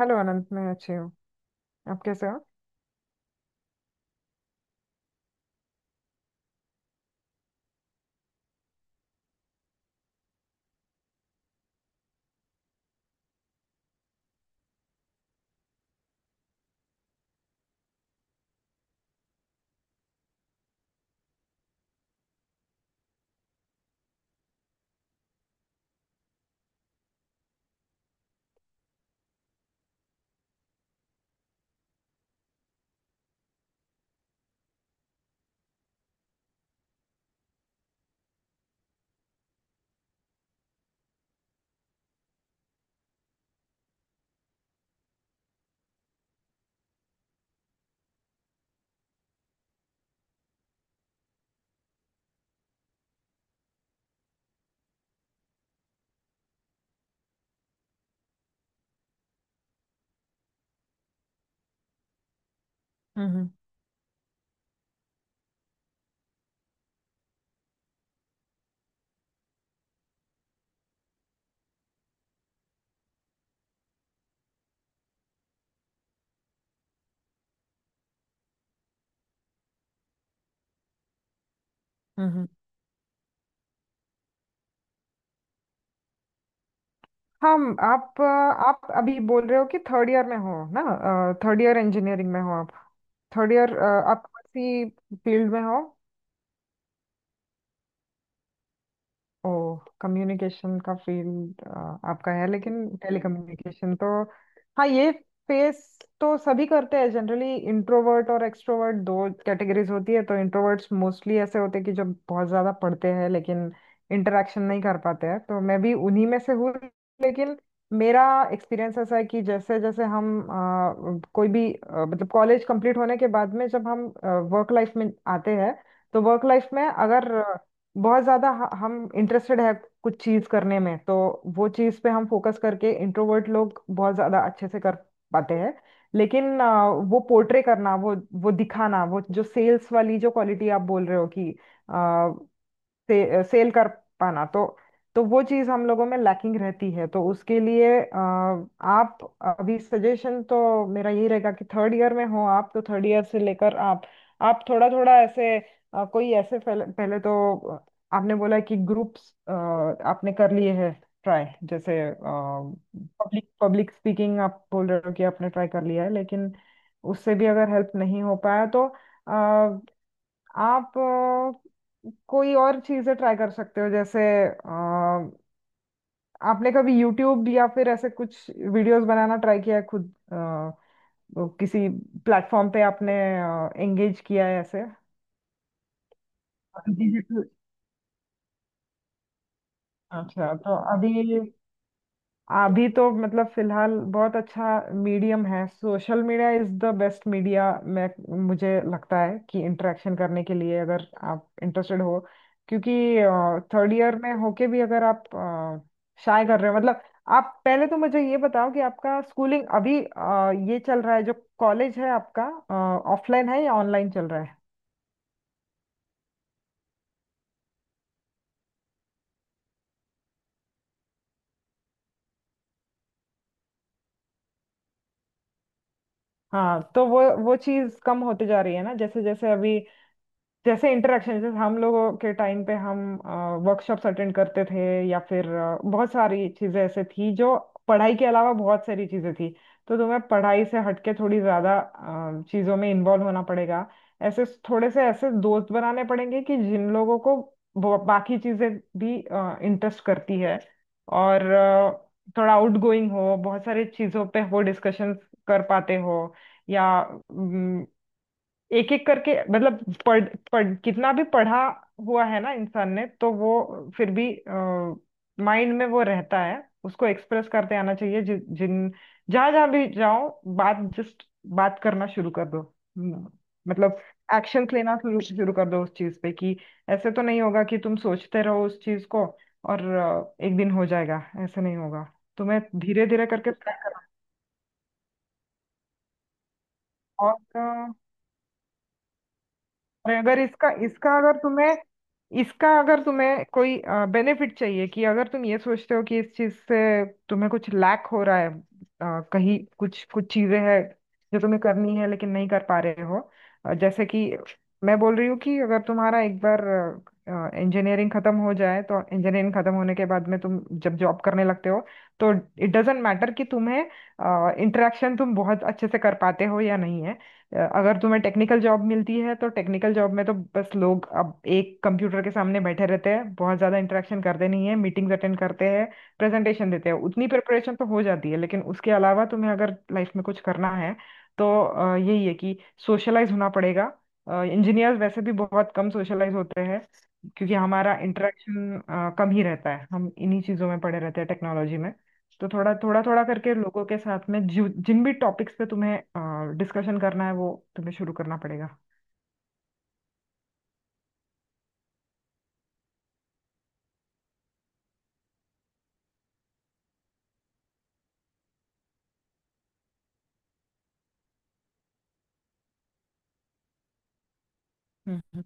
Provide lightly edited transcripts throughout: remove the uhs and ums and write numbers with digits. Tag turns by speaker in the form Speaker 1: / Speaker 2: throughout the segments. Speaker 1: Hello Anant, मैं अच्छी हूँ। आप कैसे हो? हम्म। हम्म हम आप आप अभी बोल रहे हो कि थर्ड ईयर में हो ना? थर्ड ईयर इंजीनियरिंग में हो आप? थर्ड ईयर आप कौन सी फील्ड में हो? ओ, कम्युनिकेशन का फील्ड आपका है, लेकिन टेलीकम्युनिकेशन तो हाँ, ये फेस तो सभी करते हैं। जनरली इंट्रोवर्ट और एक्सट्रोवर्ट दो कैटेगरीज होती है। तो इंट्रोवर्ट्स मोस्टली ऐसे होते हैं कि जो बहुत ज्यादा पढ़ते हैं, लेकिन इंटरेक्शन नहीं कर पाते हैं, तो मैं भी उन्हीं में से हूँ। लेकिन मेरा एक्सपीरियंस ऐसा है कि जैसे जैसे हम कोई भी मतलब कॉलेज कंप्लीट होने के बाद में जब हम वर्क लाइफ में आते हैं, तो वर्क लाइफ में अगर बहुत ज्यादा हम इंटरेस्टेड है कुछ चीज करने में, तो वो चीज पे हम फोकस करके इंट्रोवर्ट लोग बहुत ज्यादा अच्छे से कर पाते हैं। लेकिन वो पोर्ट्रे करना, वो दिखाना, वो जो सेल्स वाली जो क्वालिटी आप बोल रहे हो कि सेल कर पाना, तो वो चीज हम लोगों में लैकिंग रहती है। तो उसके लिए आप अभी सजेशन तो मेरा यही रहेगा कि थर्ड ईयर में हो आप, तो थर्ड ईयर से लेकर आप थोड़ा थोड़ा ऐसे कोई ऐसे पहले तो आपने बोला कि ग्रुप्स आपने कर लिए हैं, ट्राई जैसे पब्लिक पब्लिक स्पीकिंग आप बोल रहे हो कि आपने ट्राई कर लिया है। लेकिन उससे भी अगर हेल्प नहीं हो पाया, तो आप कोई और चीजें ट्राई कर सकते हो। जैसे अ, आपने कभी यूट्यूब या फिर ऐसे कुछ वीडियोस बनाना ट्राई किया है खुद, वो किसी प्लेटफॉर्म पे आपने एंगेज किया है ऐसे डिजिटल? अच्छा, तो अभी अभी तो मतलब फिलहाल बहुत अच्छा मीडियम है social media. Is the best media, मैं मुझे लगता है कि इंटरेक्शन करने के लिए अगर आप इंटरेस्टेड हो, क्योंकि थर्ड ईयर में होके भी अगर आप शाय कर रहे हो मतलब। आप पहले तो मुझे ये बताओ कि आपका स्कूलिंग अभी ये चल रहा है जो कॉलेज है आपका, ऑफलाइन है या ऑनलाइन चल रहा है? हाँ, तो वो चीज़ कम होते जा रही है ना जैसे जैसे अभी। जैसे इंटरेक्शन, जैसे हम लोगों के टाइम पे हम वर्कशॉप्स अटेंड करते थे, या फिर बहुत सारी चीजें ऐसे थी जो पढ़ाई के अलावा बहुत सारी चीजें थी। तो तुम्हें पढ़ाई से हटके थोड़ी ज्यादा चीजों में इन्वॉल्व होना पड़ेगा। ऐसे थोड़े से ऐसे दोस्त बनाने पड़ेंगे कि जिन लोगों को वो बाकी चीजें भी इंटरेस्ट करती है, और थोड़ा आउटगोइंग हो, बहुत सारी चीजों पे वो डिस्कशन कर पाते हो, या एक एक करके। मतलब पढ़ पढ़ कितना भी पढ़ा हुआ है ना इंसान ने, तो वो फिर भी माइंड में वो रहता है, उसको एक्सप्रेस करते आना चाहिए। जिन जहां जहां भी जाओ, बात जस्ट बात करना शुरू कर दो। हम्म, मतलब एक्शंस लेना शुरू शुरू कर दो उस चीज पे। कि ऐसे तो नहीं होगा कि तुम सोचते रहो उस चीज को और एक दिन हो जाएगा, ऐसे नहीं होगा। तुम्हें धीरे धीरे करके, और और अगर इसका इसका अगर तुम्हें कोई बेनिफिट चाहिए, कि अगर तुम ये सोचते हो कि इस चीज से तुम्हें कुछ लैक हो रहा है, कहीं कुछ कुछ चीजें हैं जो तुम्हें करनी है लेकिन नहीं कर पा रहे हो, जैसे कि मैं बोल रही हूँ। कि अगर तुम्हारा एक बार इंजीनियरिंग खत्म हो जाए, तो इंजीनियरिंग खत्म होने के बाद में तुम जब जॉब करने लगते हो, तो इट डजेंट मैटर कि तुम्हें इंटरेक्शन तुम बहुत अच्छे से कर पाते हो या नहीं है। अगर तुम्हें टेक्निकल जॉब मिलती है, तो टेक्निकल जॉब में तो बस लोग अब एक कंप्यूटर के सामने बैठे रहते हैं, बहुत ज़्यादा इंटरेक्शन करते नहीं है। मीटिंग्स अटेंड करते हैं, प्रेजेंटेशन देते हैं, उतनी प्रिपरेशन तो हो जाती है। लेकिन उसके अलावा तुम्हें अगर लाइफ में कुछ करना है, तो यही है कि सोशलाइज होना पड़ेगा। इंजीनियर्स वैसे भी बहुत कम सोशलाइज होते हैं, क्योंकि हमारा इंटरेक्शन कम ही रहता है। हम इन्हीं चीज़ों में पड़े रहते हैं, टेक्नोलॉजी में। तो थोड़ा थोड़ा थोड़ा करके लोगों के साथ में जो जिन भी टॉपिक्स पे तुम्हें डिस्कशन करना है, वो तुम्हें शुरू करना पड़ेगा। हम्म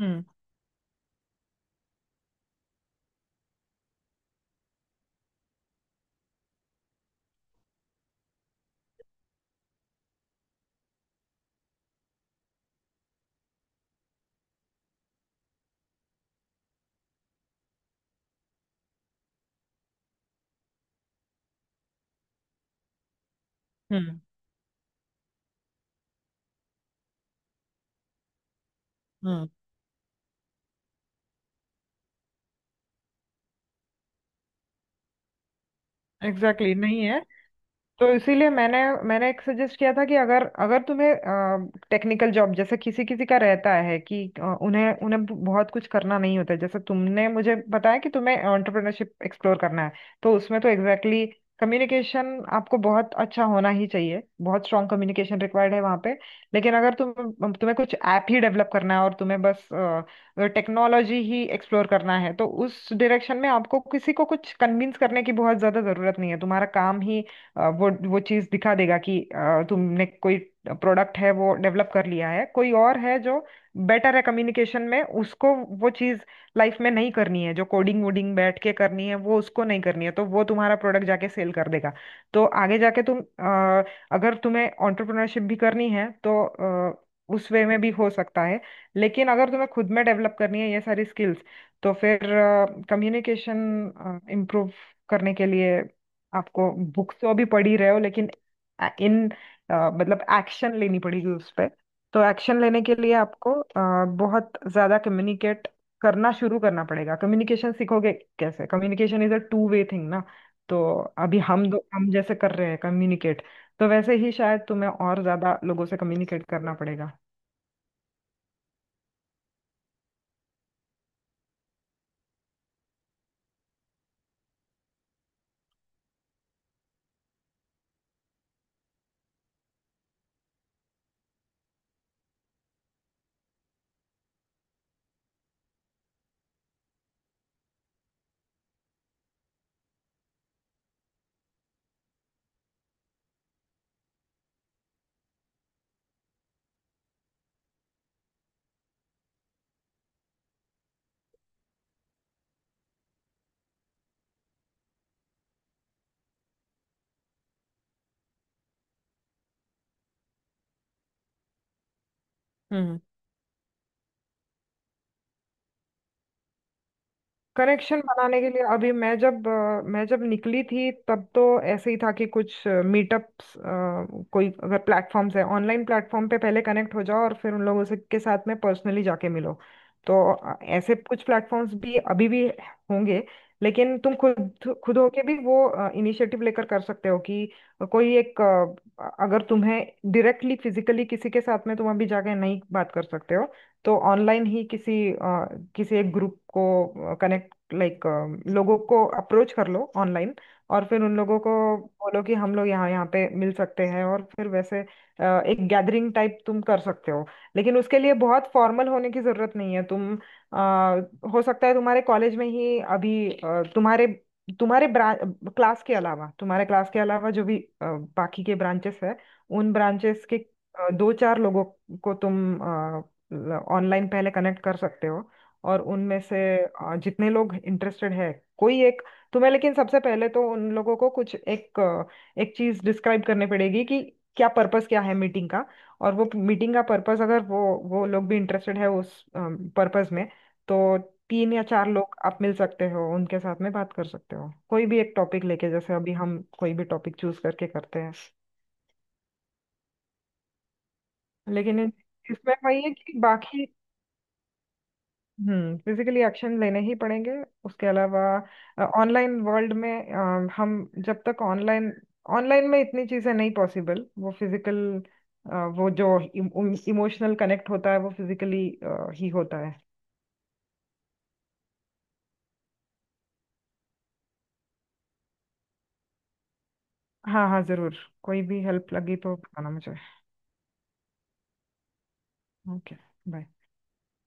Speaker 1: हम्म हम्म हम्म, एग्जैक्टली exactly, नहीं है। तो इसीलिए मैंने मैंने एक सजेस्ट किया था कि अगर अगर तुम्हें टेक्निकल जॉब, जैसे किसी किसी का रहता है कि उन्हें उन्हें बहुत कुछ करना नहीं होता है। जैसे तुमने मुझे बताया कि तुम्हें एंटरप्रेन्योरशिप एक्सप्लोर करना है, तो उसमें तो एग्जैक्टली exactly कम्युनिकेशन आपको बहुत अच्छा होना ही चाहिए। बहुत स्ट्रांग कम्युनिकेशन रिक्वायर्ड है वहाँ पे। लेकिन अगर तुम तुम्हें कुछ ऐप ही डेवलप करना है, और तुम्हें बस टेक्नोलॉजी ही एक्सप्लोर करना है, तो उस डायरेक्शन में आपको किसी को कुछ कन्विंस करने की बहुत ज़्यादा ज़रूरत नहीं है। तुम्हारा काम ही वो चीज दिखा देगा कि तुमने कोई प्रोडक्ट है वो डेवलप कर लिया है। कोई और है जो बेटर है कम्युनिकेशन में, उसको वो चीज लाइफ में नहीं करनी है जो कोडिंग वोडिंग बैठ के करनी है, वो उसको नहीं करनी है, तो वो तुम्हारा प्रोडक्ट जाके सेल कर देगा। तो आगे जाके तुम अगर तुम्हें एंटरप्रेन्योरशिप भी करनी है, तो अ, उस वे में भी हो सकता है। लेकिन अगर तुम्हें खुद में डेवलप करनी है ये सारी स्किल्स, तो फिर कम्युनिकेशन इम्प्रूव करने के लिए आपको बुक्स तो अभी पढ़ ही रहे हो, लेकिन अ- इन मतलब एक्शन लेनी पड़ेगी उस पे। तो एक्शन लेने के लिए आपको बहुत ज्यादा कम्युनिकेट करना शुरू करना पड़ेगा। कम्युनिकेशन सीखोगे कैसे? Communication is a two way thing ना। तो अभी हम दो हम जैसे कर रहे हैं कम्युनिकेट, तो वैसे ही शायद तुम्हें और ज्यादा लोगों से कम्युनिकेट करना पड़ेगा। हम्म। कनेक्शन बनाने के लिए, अभी मैं जब अ, मैं जब निकली थी, तब तो ऐसे ही था कि कुछ मीटअप्स, कोई अगर प्लेटफॉर्म्स है, ऑनलाइन प्लेटफॉर्म पे पहले कनेक्ट हो जाओ और फिर उन लोगों से के साथ में पर्सनली जाके मिलो। तो ऐसे कुछ प्लेटफॉर्म्स भी अभी भी होंगे। लेकिन तुम खुद खुद होके भी वो इनिशिएटिव लेकर कर सकते हो कि कोई एक अगर तुम्हें डायरेक्टली फिजिकली किसी के साथ में तुम अभी जाके नहीं बात कर सकते हो, तो ऑनलाइन ही किसी किसी एक ग्रुप को कनेक्ट, लाइक, लोगों को अप्रोच कर लो ऑनलाइन, और फिर उन लोगों को बोलो कि हम लोग यहाँ यहाँ पे मिल सकते हैं, और फिर वैसे एक गैदरिंग टाइप तुम कर सकते हो। लेकिन उसके लिए बहुत फॉर्मल होने की जरूरत नहीं है। तुम हो सकता है तुम्हारे कॉलेज में ही अभी तुम्हारे तुम्हारे क्लास के अलावा तुम्हारे क्लास के अलावा जो भी बाकी के ब्रांचेस है, उन ब्रांचेस के दो चार लोगों को तुम ऑनलाइन पहले कनेक्ट कर सकते हो, और उनमें से जितने लोग इंटरेस्टेड है, कोई एक तुम्हें। लेकिन सबसे पहले तो उन लोगों को एक चीज डिस्क्राइब करनी पड़ेगी कि क्या है मीटिंग का? और वो मीटिंग का पर्पस अगर वो वो लोग भी इंटरेस्टेड है उस पर्पस में, तो तीन या चार लोग आप मिल सकते हो, उनके साथ में बात कर सकते हो कोई भी एक टॉपिक लेके, जैसे अभी हम कोई भी टॉपिक चूज करके करते हैं। लेकिन इसमें वही है कि बाकी हम्म, फिजिकली एक्शन लेने ही पड़ेंगे। उसके अलावा ऑनलाइन वर्ल्ड में हम जब तक ऑनलाइन, में इतनी चीजें नहीं पॉसिबल। वो फिजिकल, वो जो इमोशनल कनेक्ट होता है वो फिजिकली ही होता है। हाँ हाँ, जरूर। कोई भी हेल्प लगी तो बताना मुझे। Okay, bye.